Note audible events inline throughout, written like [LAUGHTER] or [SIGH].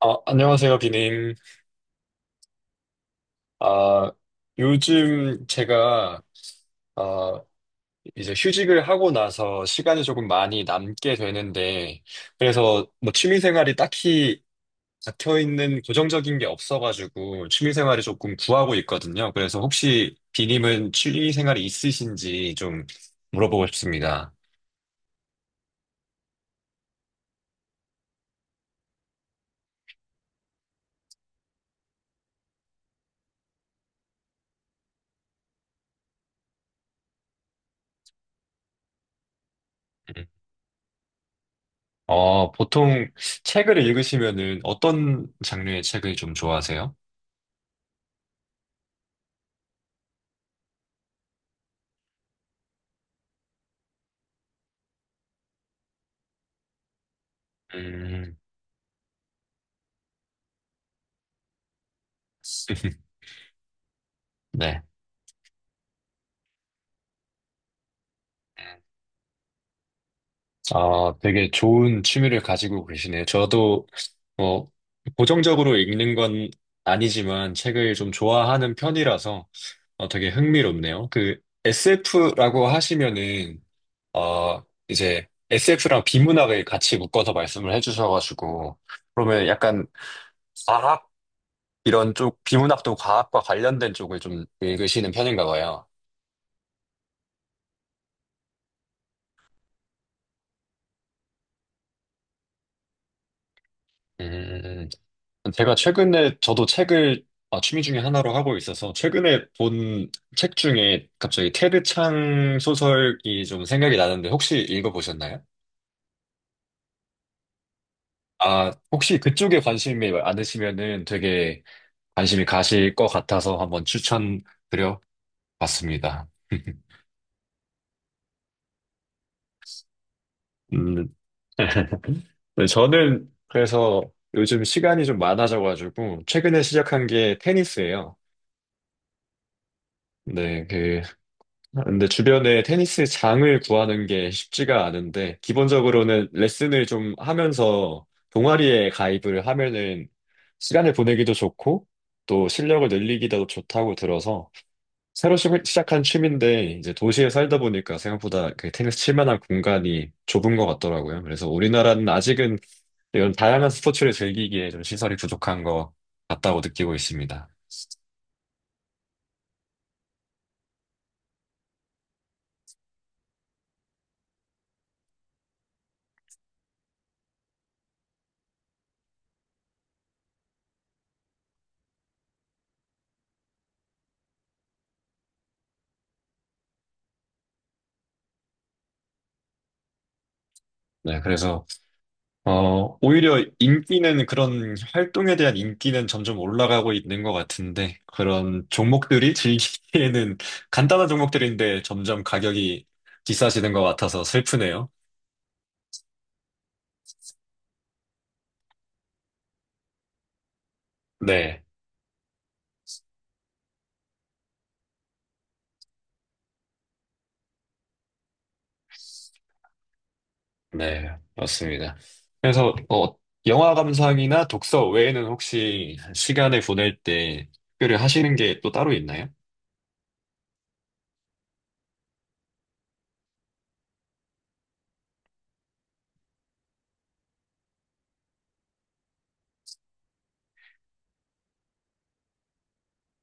안녕하세요, 비님. 아, 요즘 제가, 아, 이제 휴직을 하고 나서 시간이 조금 많이 남게 되는데, 그래서 뭐 취미생활이 딱히 잡혀있는 고정적인 게 없어가지고, 취미생활을 조금 구하고 있거든요. 그래서 혹시 비님은 취미생활이 있으신지 좀 물어보고 싶습니다. 음. 보통 책을 읽으시면은 어떤 장르의 책을 좀 좋아하세요? 음, [LAUGHS] 네. 아, 되게 좋은 취미를 가지고 계시네요. 저도, 어, 고정적으로 읽는 건 아니지만 책을 좀 좋아하는 편이라서 되게 흥미롭네요. SF라고 하시면은, 어, 이제 SF랑 비문학을 같이 묶어서 말씀을 해주셔가지고, 그러면 약간 과학 이런 쪽, 비문학도 과학과 관련된 쪽을 좀 읽으시는 편인가 봐요. 음, 음, 음. 제가 최근에 저도 책을 취미 중에 하나로 하고 있어서 최근에 본 책 중에 갑자기 테드 창 소설이 좀 생각이 나는데 혹시 읽어보셨나요? 아, 혹시 그쪽에 관심이 많으시면은 되게 관심이 가실 것 같아서 한번 추천드려 봤습니다. [LAUGHS] 음, 네, 저는 그래서 요즘 시간이 좀 많아져가지고 최근에 시작한 게 테니스예요. 네, 그 근데 주변에 테니스 장을 구하는 게 쉽지가 않은데, 기본적으로는 레슨을 좀 하면서 동아리에 가입을 하면은 시간을 보내기도 좋고, 또 실력을 늘리기도 좋다고 들어서, 새로 시작한 취미인데, 이제 도시에 살다 보니까 생각보다 그 테니스 칠 만한 공간이 좁은 것 같더라고요. 그래서 우리나라는 아직은 이런 다양한 스포츠를 즐기기에 좀 시설이 부족한 것 같다고 느끼고 있습니다. 네, 그래서 오히려 인기는 그런 활동에 대한 인기는 점점 올라가고 있는 것 같은데, 그런 종목들이 즐기기에는 [LAUGHS] 간단한 종목들인데 점점 가격이 비싸지는 것 같아서 슬프네요. 네, 네, 맞습니다. 그래서, 어, 영화 감상이나 독서 외에는 혹시 시간을 보낼 때 특별히 하시는 게 또 따로 있나요?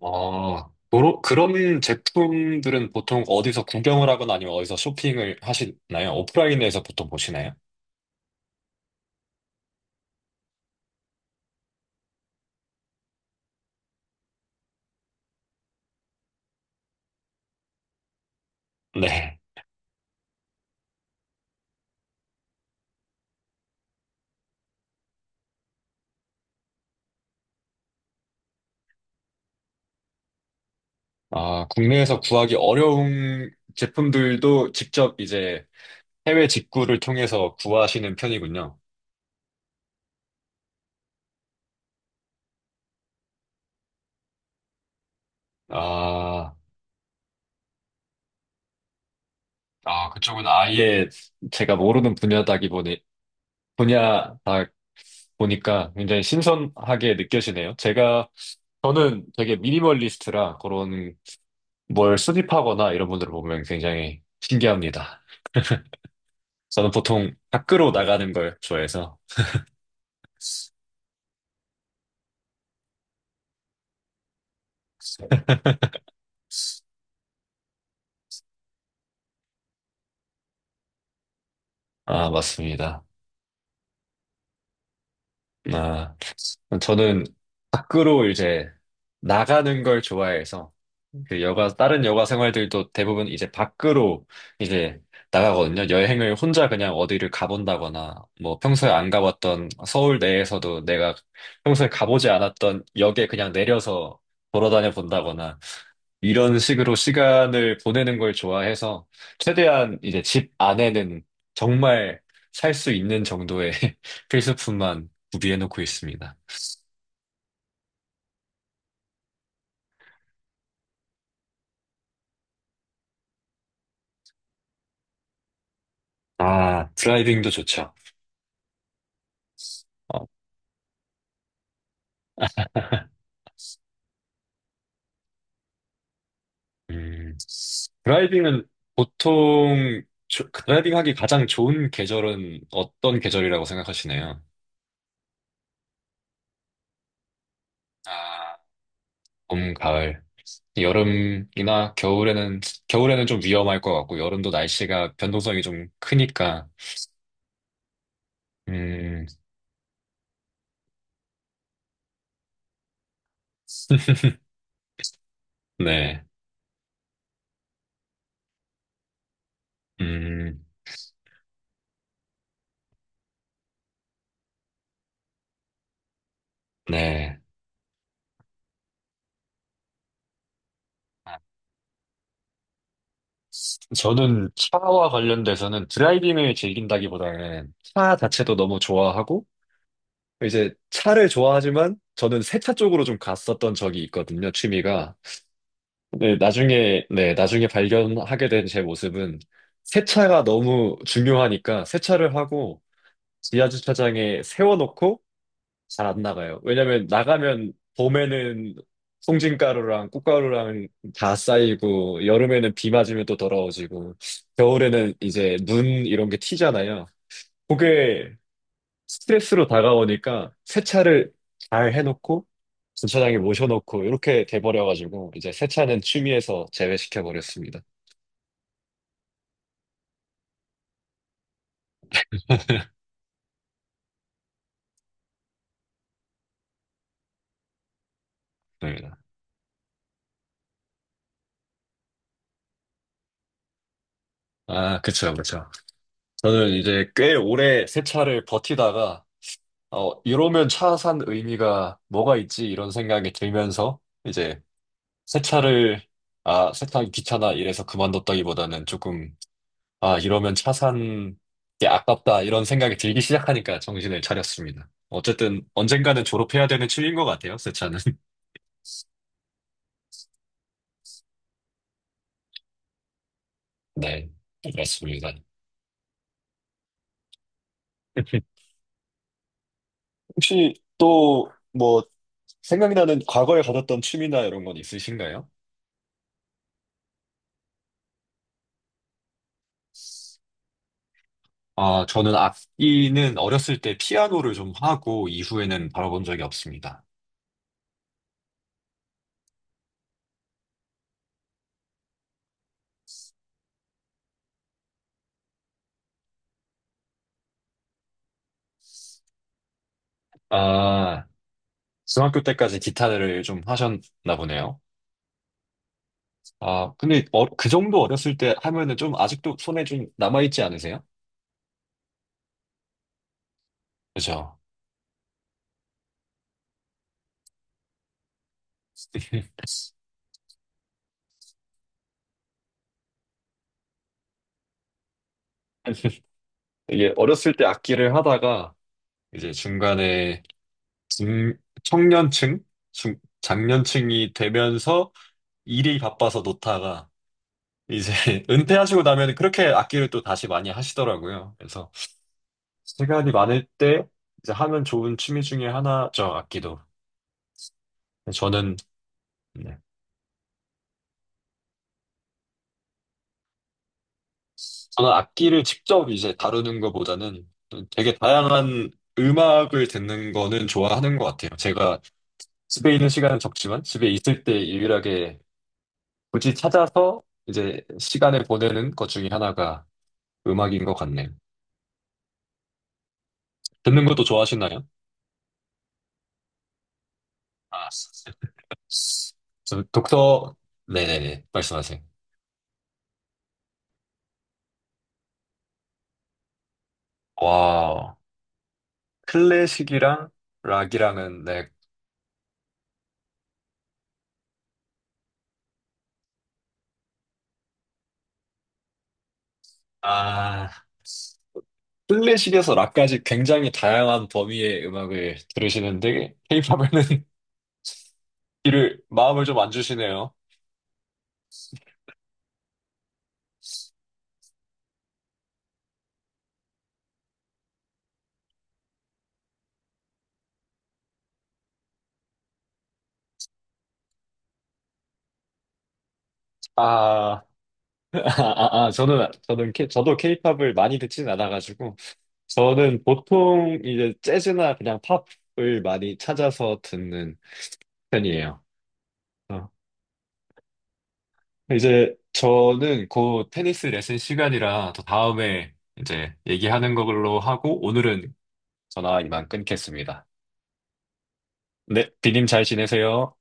그런 제품들은 보통 어디서 구경을 하거나 아니면 어디서 쇼핑을 하시나요? 오프라인에서 보통 보시나요? 네. 아, 국내에서 구하기 어려운 제품들도 직접 이제 해외 직구를 통해서 구하시는 편이군요. 아, 아, 그쪽은 아예 제가 모르는 분야다 보니까 굉장히 신선하게 느껴지네요. 저는 되게 미니멀리스트라 그런 뭘 수집하거나 이런 분들을 보면 굉장히 신기합니다. 저는 보통 밖으로 나가는 걸 좋아해서, 아, 맞습니다. 아. 저는 밖으로 나가는 걸 좋아해서 그 여가 다른 여가 생활들도 대부분 이제 밖으로 이제 나가거든요. 여행을 혼자 그냥 어디를 가본다거나 뭐 평소에 안 가봤던 서울 내에서도 내가 평소에 가보지 않았던 역에 그냥 내려서 걸어다녀 본다거나 이런 식으로 시간을 보내는 걸 좋아해서 최대한 이제 집 안에는 정말 살 수 있는 정도의 [LAUGHS] 필수품만 구비해 놓고 있습니다. 아, 드라이빙도 좋죠. 어, [LAUGHS] 음, 드라이빙은 보통 드라이빙 하기 가장 좋은 계절은 어떤 계절이라고 생각하시나요? 아, 봄, 가을. 여름이나 겨울에는, 겨울에는 좀 위험할 것 같고, 여름도 날씨가 변동성이 좀 크니까. 음, [LAUGHS] 네. 음, 네. 아, 저는 차와 관련돼서는 드라이빙을 즐긴다기보다는 차 자체도 너무 좋아하고, 이제 차를 좋아하지만 저는 세차 쪽으로 좀 갔었던 적이 있거든요, 취미가. 네, 나중에 발견하게 된 제 모습은 세차가 너무 중요하니까 세차를 하고 지하 주차장에 세워놓고 잘 안 나가요. 왜냐면 나가면 봄에는 송진가루랑 꽃가루랑 다 쌓이고 여름에는 비 맞으면 또 더러워지고 겨울에는 이제 눈 이런 게 튀잖아요. 그게 스트레스로 다가오니까 세차를 잘 해놓고 주차장에 모셔놓고 이렇게 돼버려가지고 이제 세차는 취미에서 제외시켜버렸습니다. 네, 아, 그쵸, 그쵸. 저는 이제 꽤 오래 세차를 버티다가 어, 이러면 차 산 의미가 뭐가 있지? 이런 생각이 들면서 이제 세차를 세차하기 귀찮아 이래서 그만뒀다기보다는 조금 아, 이러면 차 산 게 아깝다, 이런 생각이 들기 시작하니까 정신을 차렸습니다. 어쨌든 언젠가는 졸업해야 되는 취미인 것 같아요, 새 차는. [LAUGHS] 네, 맞습니다. 혹시 또 뭐 생각나는 과거에 가졌던 취미나 이런 건 있으신가요? 아, 저는 악기는 어렸을 때 피아노를 좀 하고 이후에는 바라본 적이 없습니다. 아, 중학교 때까지 기타를 좀 하셨나 보네요. 아, 근데 그 정도 어렸을 때 하면은 좀 아직도 손에 좀 남아있지 않으세요? 그죠. [LAUGHS] 이게 어렸을 때 악기를 하다가 이제 중간에 중, 청년층, 중, 장년층이 되면서 일이 바빠서 놓다가 이제 [LAUGHS] 은퇴하시고 나면 그렇게 악기를 또 다시 많이 하시더라고요. 그래서 시간이 많을 때 이제 하면 좋은 취미 중에 하나죠, 악기도. 근데 저는 네. 저는 악기를 직접 이제 다루는 것보다는 되게 다양한 음악을 듣는 거는 좋아하는 것 같아요. 제가 집에 있는 시간은 적지만 집에 있을 때 유일하게 굳이 찾아서 이제 시간을 보내는 것 중에 하나가 음악인 것 같네요. 듣는 것도 좋아하시나요? 아, 저 독서, 네네네, 말씀하세요. 와, 클래식이랑 락이랑은, 네, 아, 클래식에서 락까지 굉장히 다양한 범위의 음악을 들으시는데, 케이팝에는 [LAUGHS] 이를, 마음을 좀 안 주시네요. 아, 아, 저도 케이팝을 많이 듣진 않아가지고, 저는 보통 이제 재즈나 그냥 팝을 많이 찾아서 듣는 편이에요. 어, 이제 저는 곧 테니스 레슨 시간이라 더 다음에 이제 얘기하는 걸로 하고, 오늘은 전화 이만 끊겠습니다. 네, 비님 잘 지내세요.